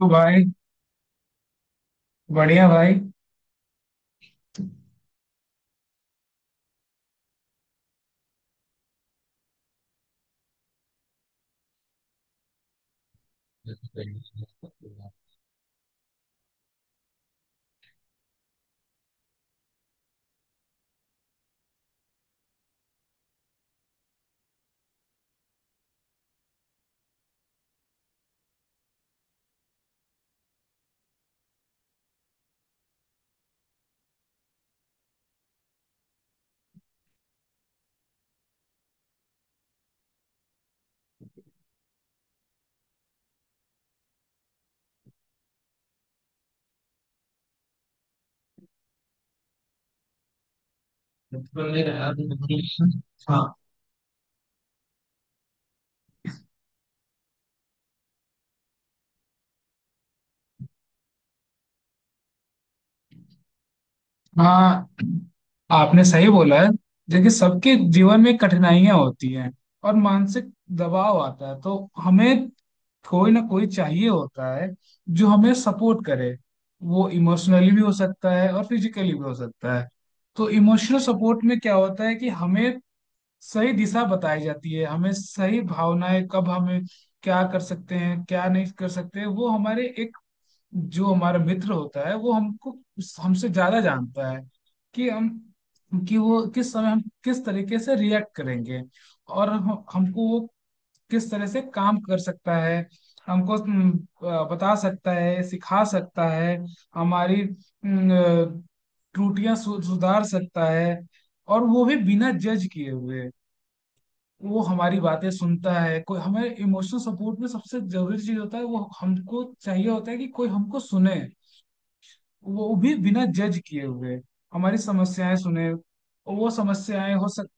तो भाई, बढ़िया भाई। हाँ। हाँ, आपने सही बोला है। देखिए, सबके जीवन में कठिनाइयां होती हैं और मानसिक दबाव आता है, तो हमें कोई ना कोई चाहिए होता है जो हमें सपोर्ट करे। वो इमोशनली भी हो सकता है और फिजिकली भी हो सकता है। तो इमोशनल सपोर्ट में क्या होता है कि हमें सही दिशा बताई जाती है, हमें सही भावनाएं, कब हमें क्या कर सकते हैं क्या नहीं कर सकते, वो हमारे, जो हमारा मित्र होता है वो हमको हमसे ज्यादा जानता है कि हम, कि वो किस समय, हम किस तरीके से रिएक्ट करेंगे और हमको वो किस तरह से काम कर सकता है, हमको बता सकता है, सिखा सकता है। हमारी हम्म, अ, सुधार सकता है, और वो भी बिना जज किए हुए। वो हमारी बातें सुनता है। कोई, हमें इमोशनल सपोर्ट में सबसे जरूरी चीज होता है वो हमको चाहिए होता है कि कोई हमको सुने, वो भी बिना जज किए हुए। हमारी समस्याएं सुने और वो समस्याएं हो सक।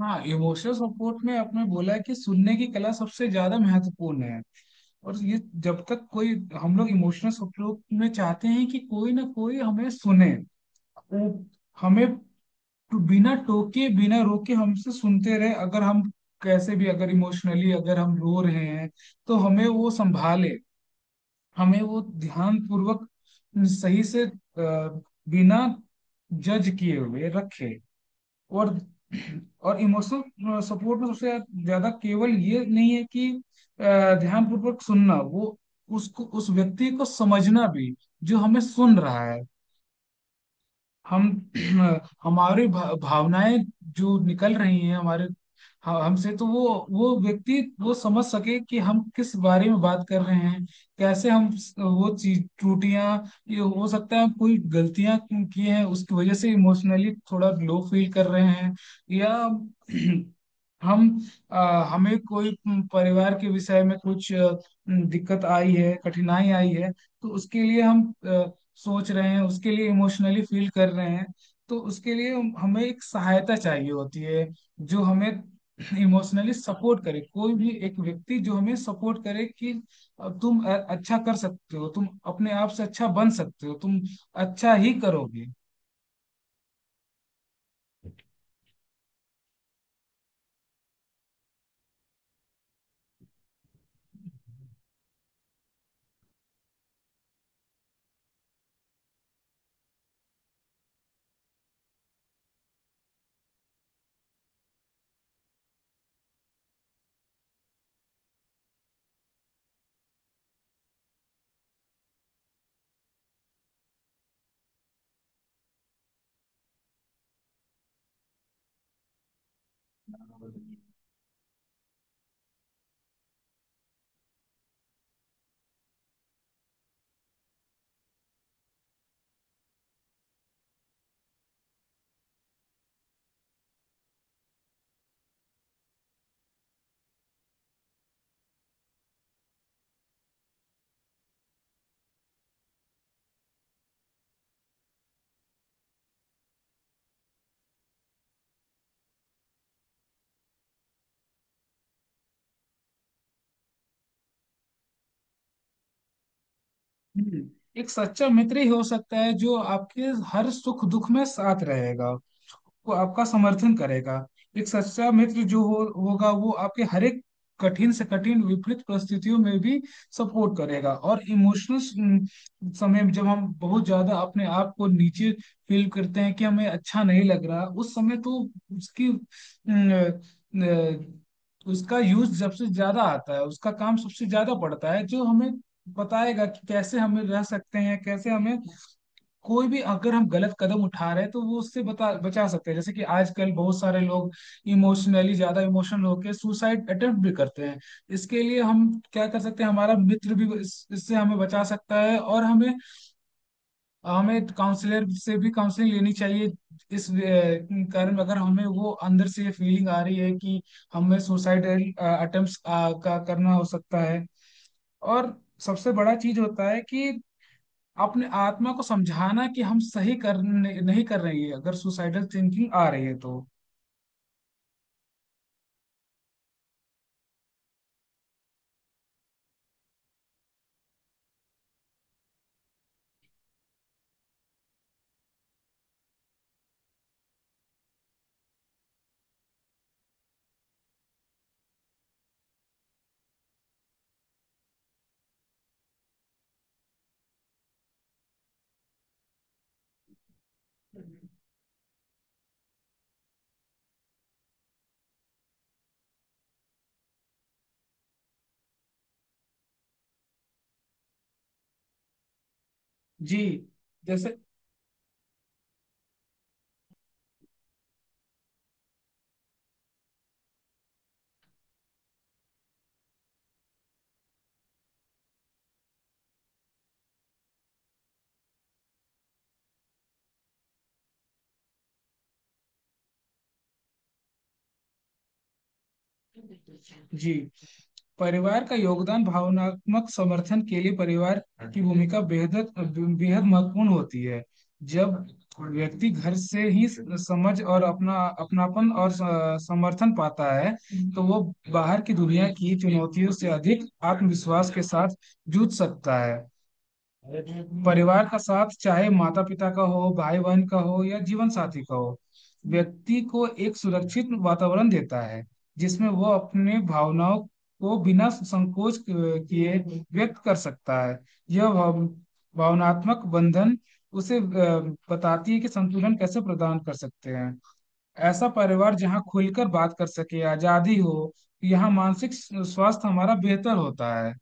हाँ, इमोशनल सपोर्ट में आपने बोला है कि सुनने की कला सबसे ज्यादा महत्वपूर्ण है। और ये, जब तक कोई, हम लोग इमोशनल सपोर्ट में चाहते हैं कि कोई ना कोई हमें सुने। वो हमें बिना टोके बिना रोके हमसे सुनते रहे। अगर हम कैसे भी, अगर इमोशनली, अगर हम रो रहे हैं तो हमें वो संभाले। हमें वो ध्यान पूर्वक, सही से, बिना जज किए हुए रखे। और और इमोशनल सपोर्ट में सबसे ज्यादा केवल ये नहीं है कि ध्यान पूर्वक सुनना, वो उसको, उस व्यक्ति को समझना भी, जो हमें सुन रहा है। हम हमारी भावनाएं जो निकल रही हैं हमारे, हमसे, तो वो व्यक्ति वो समझ सके कि हम किस बारे में बात कर रहे हैं। कैसे हम वो चीज त्रुटियां, ये हो सकता है कोई गलतियां की हैं उसकी वजह से इमोशनली थोड़ा लो फील कर रहे हैं, या हम, अ, हमें कोई परिवार के विषय में कुछ दिक्कत आई है, कठिनाई आई है, तो उसके लिए हम सोच रहे हैं, उसके लिए इमोशनली फील कर रहे हैं। तो उसके लिए हमें एक सहायता चाहिए होती है जो हमें इमोशनली सपोर्ट करे, कोई भी एक व्यक्ति जो हमें सपोर्ट करे कि अब तुम अच्छा कर सकते हो तुम, अपने आप से अच्छा बन सकते हो तुम, अच्छा ही करोगे। हम्म। एक सच्चा मित्र ही हो सकता है जो आपके हर सुख दुख में साथ रहेगा, वो आपका समर्थन करेगा। एक सच्चा मित्र जो होगा, वो आपके हर एक कठिन से कठिन विपरीत परिस्थितियों में भी सपोर्ट करेगा। और इमोशनल समय में, जब हम बहुत ज्यादा अपने आप को नीचे फील करते हैं कि हमें अच्छा नहीं लग रहा, उस समय तो उसकी अ, उसका यूज सबसे ज्यादा आता है, उसका काम सबसे ज्यादा पड़ता है, जो हमें बताएगा कि कैसे हमें रह सकते हैं, कैसे हमें, कोई भी अगर हम गलत कदम उठा रहे हैं तो वो उससे बता बचा सकते हैं। जैसे कि आजकल बहुत सारे लोग इमोशनली, ज्यादा इमोशनल होकर सुसाइड अटेम्प्ट भी करते हैं। इसके लिए हम क्या कर सकते हैं, हमारा मित्र भी इससे हमें बचा सकता है, और हमें, हमें काउंसलर से भी काउंसलिंग लेनी चाहिए। इस कारण अगर हमें वो अंदर से ये फीलिंग आ रही है कि हमें सुसाइड अटेम्प्ट का करना हो सकता है। और सबसे बड़ा चीज होता है कि अपने आत्मा को समझाना कि हम सही कर, नहीं कर रहे हैं अगर सुसाइडल थिंकिंग आ रही है तो। जी। जैसे। जी, परिवार का योगदान, भावनात्मक समर्थन के लिए परिवार की भूमिका बेहद, बेहद महत्वपूर्ण होती है। जब व्यक्ति घर से ही समझ और अपना, अपनापन और समर्थन पाता है, तो वो बाहर की दुनिया की चुनौतियों से अधिक आत्मविश्वास के साथ जूझ सकता है। परिवार का साथ, चाहे माता पिता का हो, भाई बहन का हो, या जीवन साथी का हो, व्यक्ति को एक सुरक्षित वातावरण देता है जिसमें वो अपने भावनाओं को बिना संकोच किए व्यक्त कर सकता है। यह भावनात्मक बंधन उसे, बताती है कि संतुलन कैसे प्रदान कर सकते हैं। ऐसा परिवार जहाँ खुलकर बात कर सके, आजादी हो, यहाँ मानसिक स्वास्थ्य हमारा बेहतर होता है।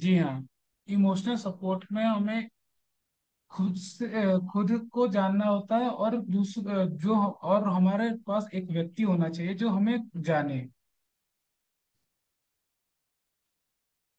जी हाँ, इमोशनल सपोर्ट में हमें खुद से, खुद को जानना होता है, और दूसरा, जो और हमारे पास एक व्यक्ति होना चाहिए जो हमें जाने।